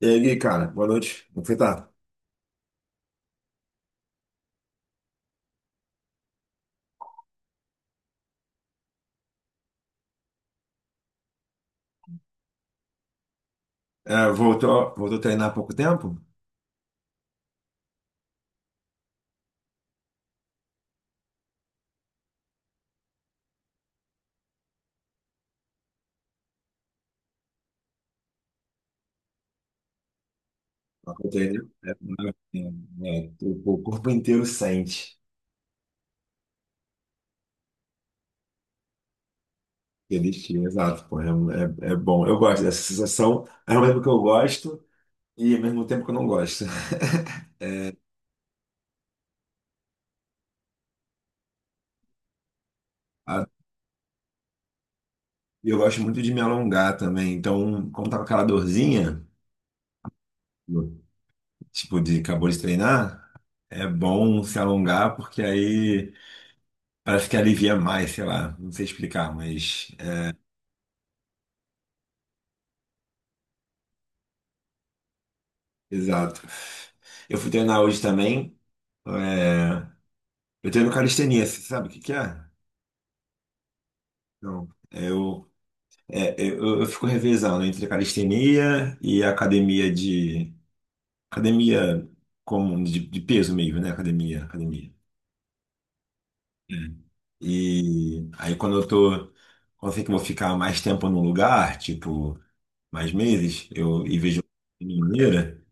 E aí, Gui, cara, boa noite. Como foi, tá? É, voltou a treinar há pouco tempo? Há pouco tempo, né? O corpo inteiro sente aquele estilo, exato, pô, é bom. Eu gosto dessa sensação, ao mesmo tempo que eu gosto e ao mesmo tempo que eu não gosto. Ah, e eu gosto muito de me alongar também, então, como tá com aquela dorzinha, tipo, de acabou de treinar, é bom se alongar porque aí parece que alivia mais, sei lá, não sei explicar, mas... Exato. Eu fui treinar hoje também. é, Eu treino calistenia, você sabe o que que é? Não. Eu, é, é, eu fico revezando entre calistenia e academia de. Academia comum, de peso mesmo, né? Academia. É. E aí quando eu tô. Quando eu sei que eu vou ficar mais tempo num lugar, tipo, mais meses, eu e vejo de maneira,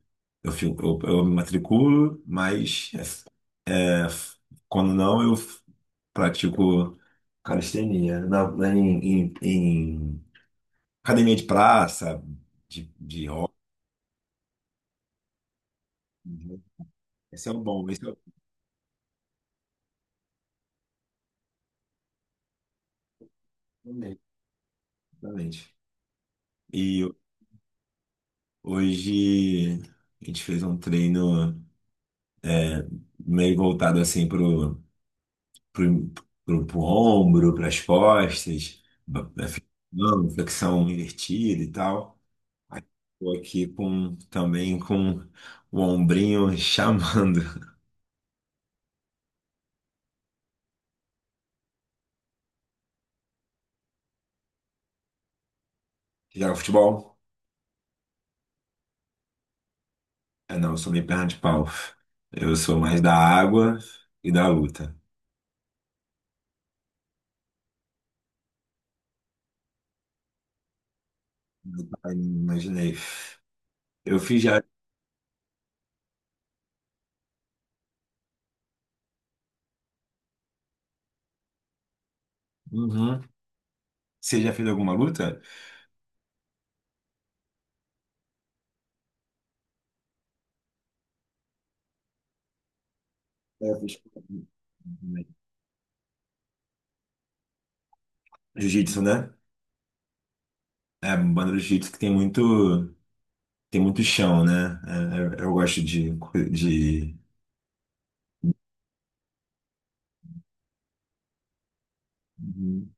eu me matriculo, mas é. É, Quando não, eu pratico calistenia em academia de praça, de rock. Uhum. Esse é o bom, exatamente. E hoje a gente fez um treino meio voltado assim pro, pro ombro, pras costas, flexão invertida e tal. Aí tô aqui com também com o ombrinho chamando. Você joga futebol? É, não, eu sou meio perna de pau. Eu sou mais da água e da luta. Ai, imaginei. Eu fiz já. Uhum. Você já fez alguma luta? É, eu fiz. Jiu-jitsu, né? É, banda do jiu-jitsu que tem muito chão, né? É, eu gosto de... Uhum.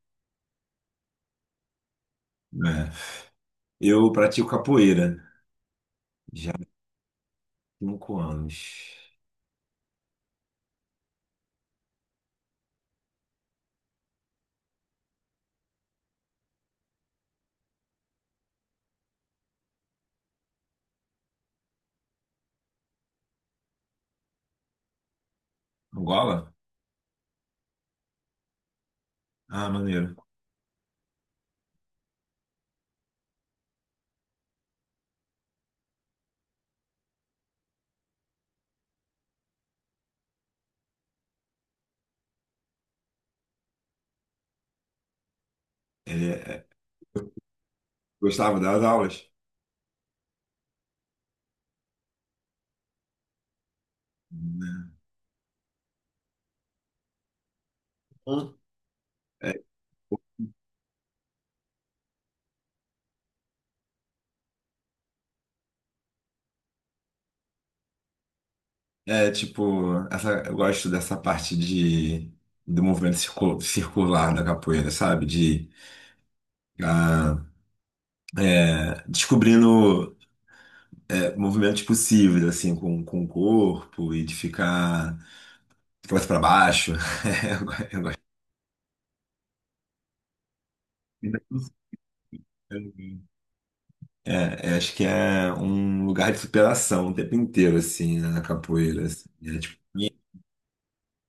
É. Eu pratico capoeira já há 5 anos. Angola? Ah, maneiro. Ele é-. Gostava das aulas? Né? É, tipo, essa, eu gosto dessa parte de, do movimento circular da capoeira, sabe? De ah, descobrindo é, movimentos possíveis, assim, com o corpo e de ficar de cabeça para baixo. Eu gosto. É, acho que é um lugar de superação o tempo inteiro, assim, né, na capoeira. Assim. É, tipo,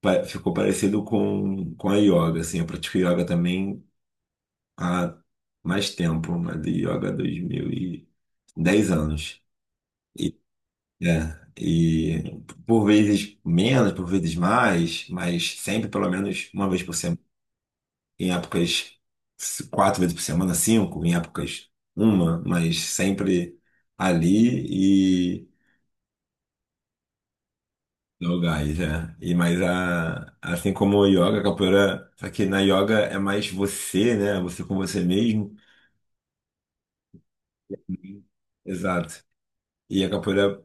ficou parecido com a yoga, assim. Eu pratico yoga também há mais tempo, uma de yoga 2010 anos. E, é, e por vezes menos, por vezes mais, mas sempre pelo menos uma vez por semana. Em épocas 4 vezes por semana, 5, em épocas uma, mas sempre ali e no gás, é. E, mas a, assim como a yoga, a capoeira, só que na yoga é mais você, né? Você com você mesmo. Exato. E a capoeira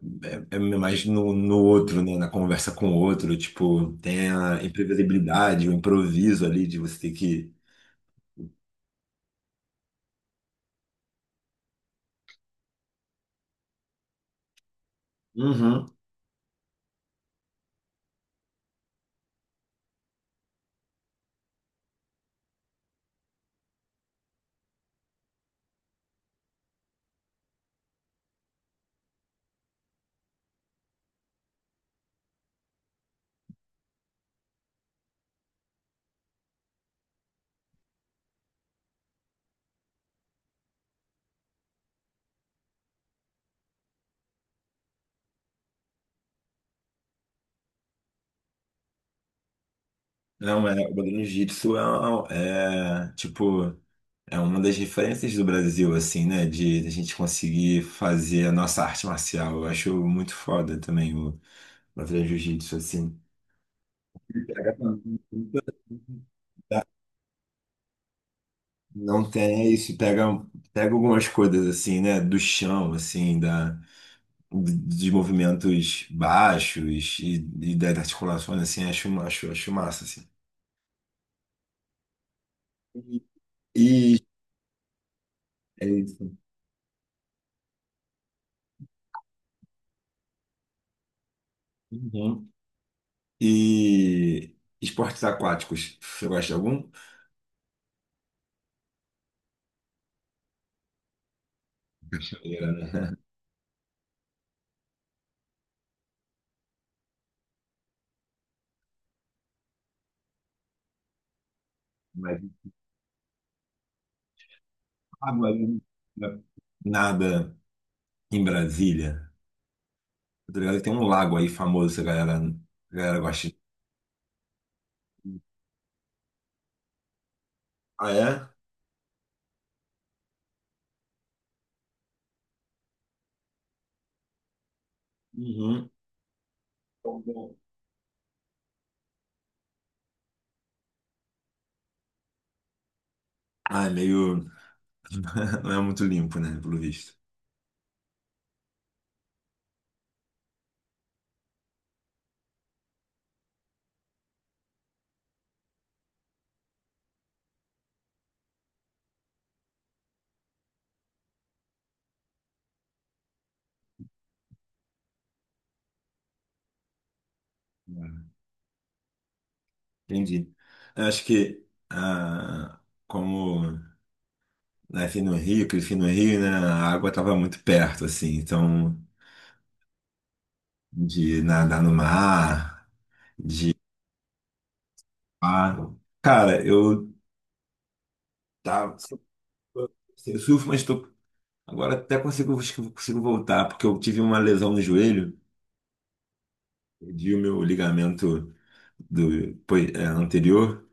é mais no, no outro, né? Na conversa com o outro. Tipo, tem a imprevisibilidade, o improviso ali de você ter que. Uhum. Não, é, o Bailarino Jiu-Jitsu tipo, é uma das referências do Brasil, assim, né? De a gente conseguir fazer a nossa arte marcial. Eu acho muito foda também o Bailarino Jiu-Jitsu, assim. Pega também. Não tem é isso, pega algumas coisas, assim, né? Do chão, assim, da dos movimentos baixos e das articulações, assim, acho massa, assim. E é isso. Uhum. E esportes aquáticos, você gosta de algum? Cachoeira, né? Mas água ali, né? Nada em Brasília. Tá ligado? Que tem um lago aí famoso, que a galera gosta. De-. Ah, é? Uhum. Ah, é meio. Não é muito limpo, né? Pelo visto. Entendi. Eu acho que ah, como nasci no Rio, cresci no Rio, né, a água estava muito perto, assim, então de nadar no mar, de ah, cara, eu tava assim, eu surfo, mas tô, agora até consigo acho que eu consigo voltar porque eu tive uma lesão no joelho, perdi o meu ligamento do pois, é, anterior,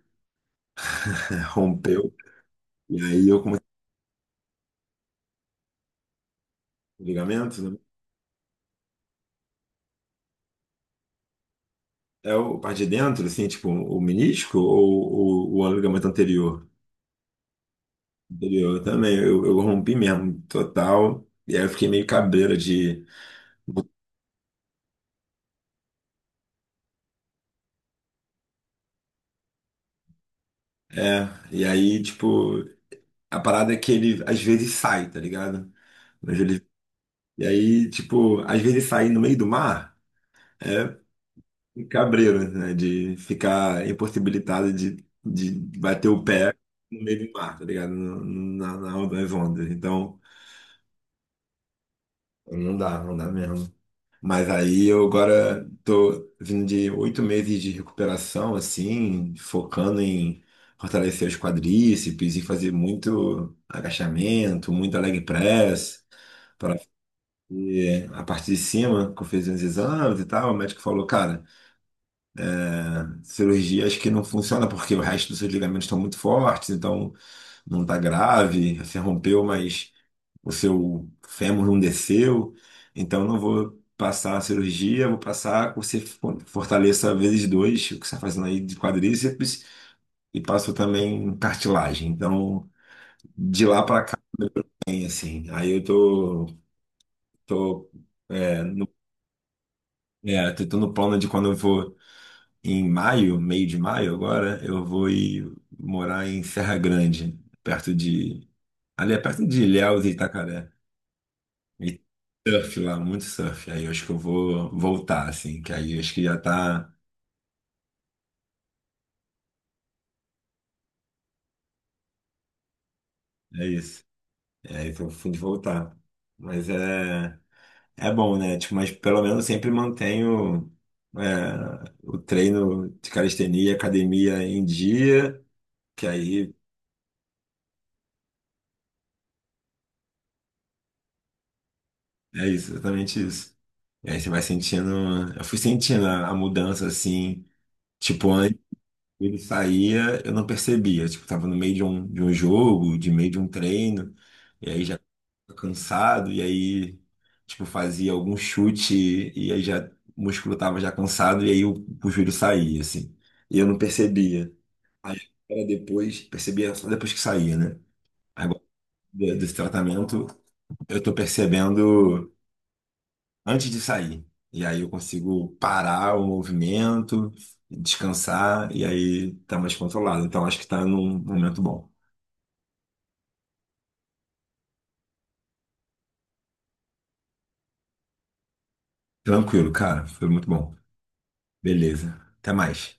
rompeu e aí eu comecei com ligamento, né. É o parte de dentro, assim, tipo, o menisco ou o ligamento anterior? Anterior também, eu rompi mesmo, total. E aí eu fiquei meio cabreiro de. É, e aí, tipo, a parada é que ele às vezes sai, tá ligado? Mas ele, e aí, tipo, às vezes sair no meio do mar é cabreiro, né? De ficar impossibilitado de bater o pé no meio do mar, tá ligado? Na, nas ondas. Então, não dá mesmo. Mas aí eu agora tô vindo de 8 meses de recuperação, assim, focando em fortalecer os quadríceps e fazer muito agachamento, muito leg press, para a parte de cima, que eu fiz uns exames e tal, o médico falou, cara, cirurgia acho que não funciona porque o resto dos seus ligamentos estão muito fortes, então não tá grave, se rompeu, mas o seu fêmur não desceu, então não vou passar a cirurgia, vou passar que você fortaleça vezes dois, o que você está fazendo aí de quadríceps, e passo também cartilagem. Então, de lá para cá, hein, assim, aí eu tô, tô no plano de quando eu vou em maio, meio de maio agora, eu vou ir morar em Serra Grande, perto de, ali é perto de Ilhéus e Itacaré. E surf lá, muito surf. Aí eu acho que eu vou voltar, assim, que aí eu acho que já tá. É isso. É aí que eu fui de voltar. Mas é bom, né? Tipo, mas pelo menos eu sempre mantenho é, o treino de calistenia, academia em dia, que aí é isso, exatamente isso. E aí você vai sentindo. Eu fui sentindo a mudança, assim, tipo, antes. Ele saía, eu não percebia. Tipo, tava no meio de um jogo, de meio de um treino. E aí já cansado, e aí, tipo, fazia algum chute e aí já o músculo tava já cansado, e aí o joelho saía, assim. E eu não percebia. Aí era depois, percebia só depois que saía, né? Agora, desse tratamento, eu tô percebendo antes de sair. E aí eu consigo parar o movimento, descansar, e aí tá mais controlado. Então acho que tá num momento bom. Tranquilo, cara. Foi muito bom. Beleza. Até mais.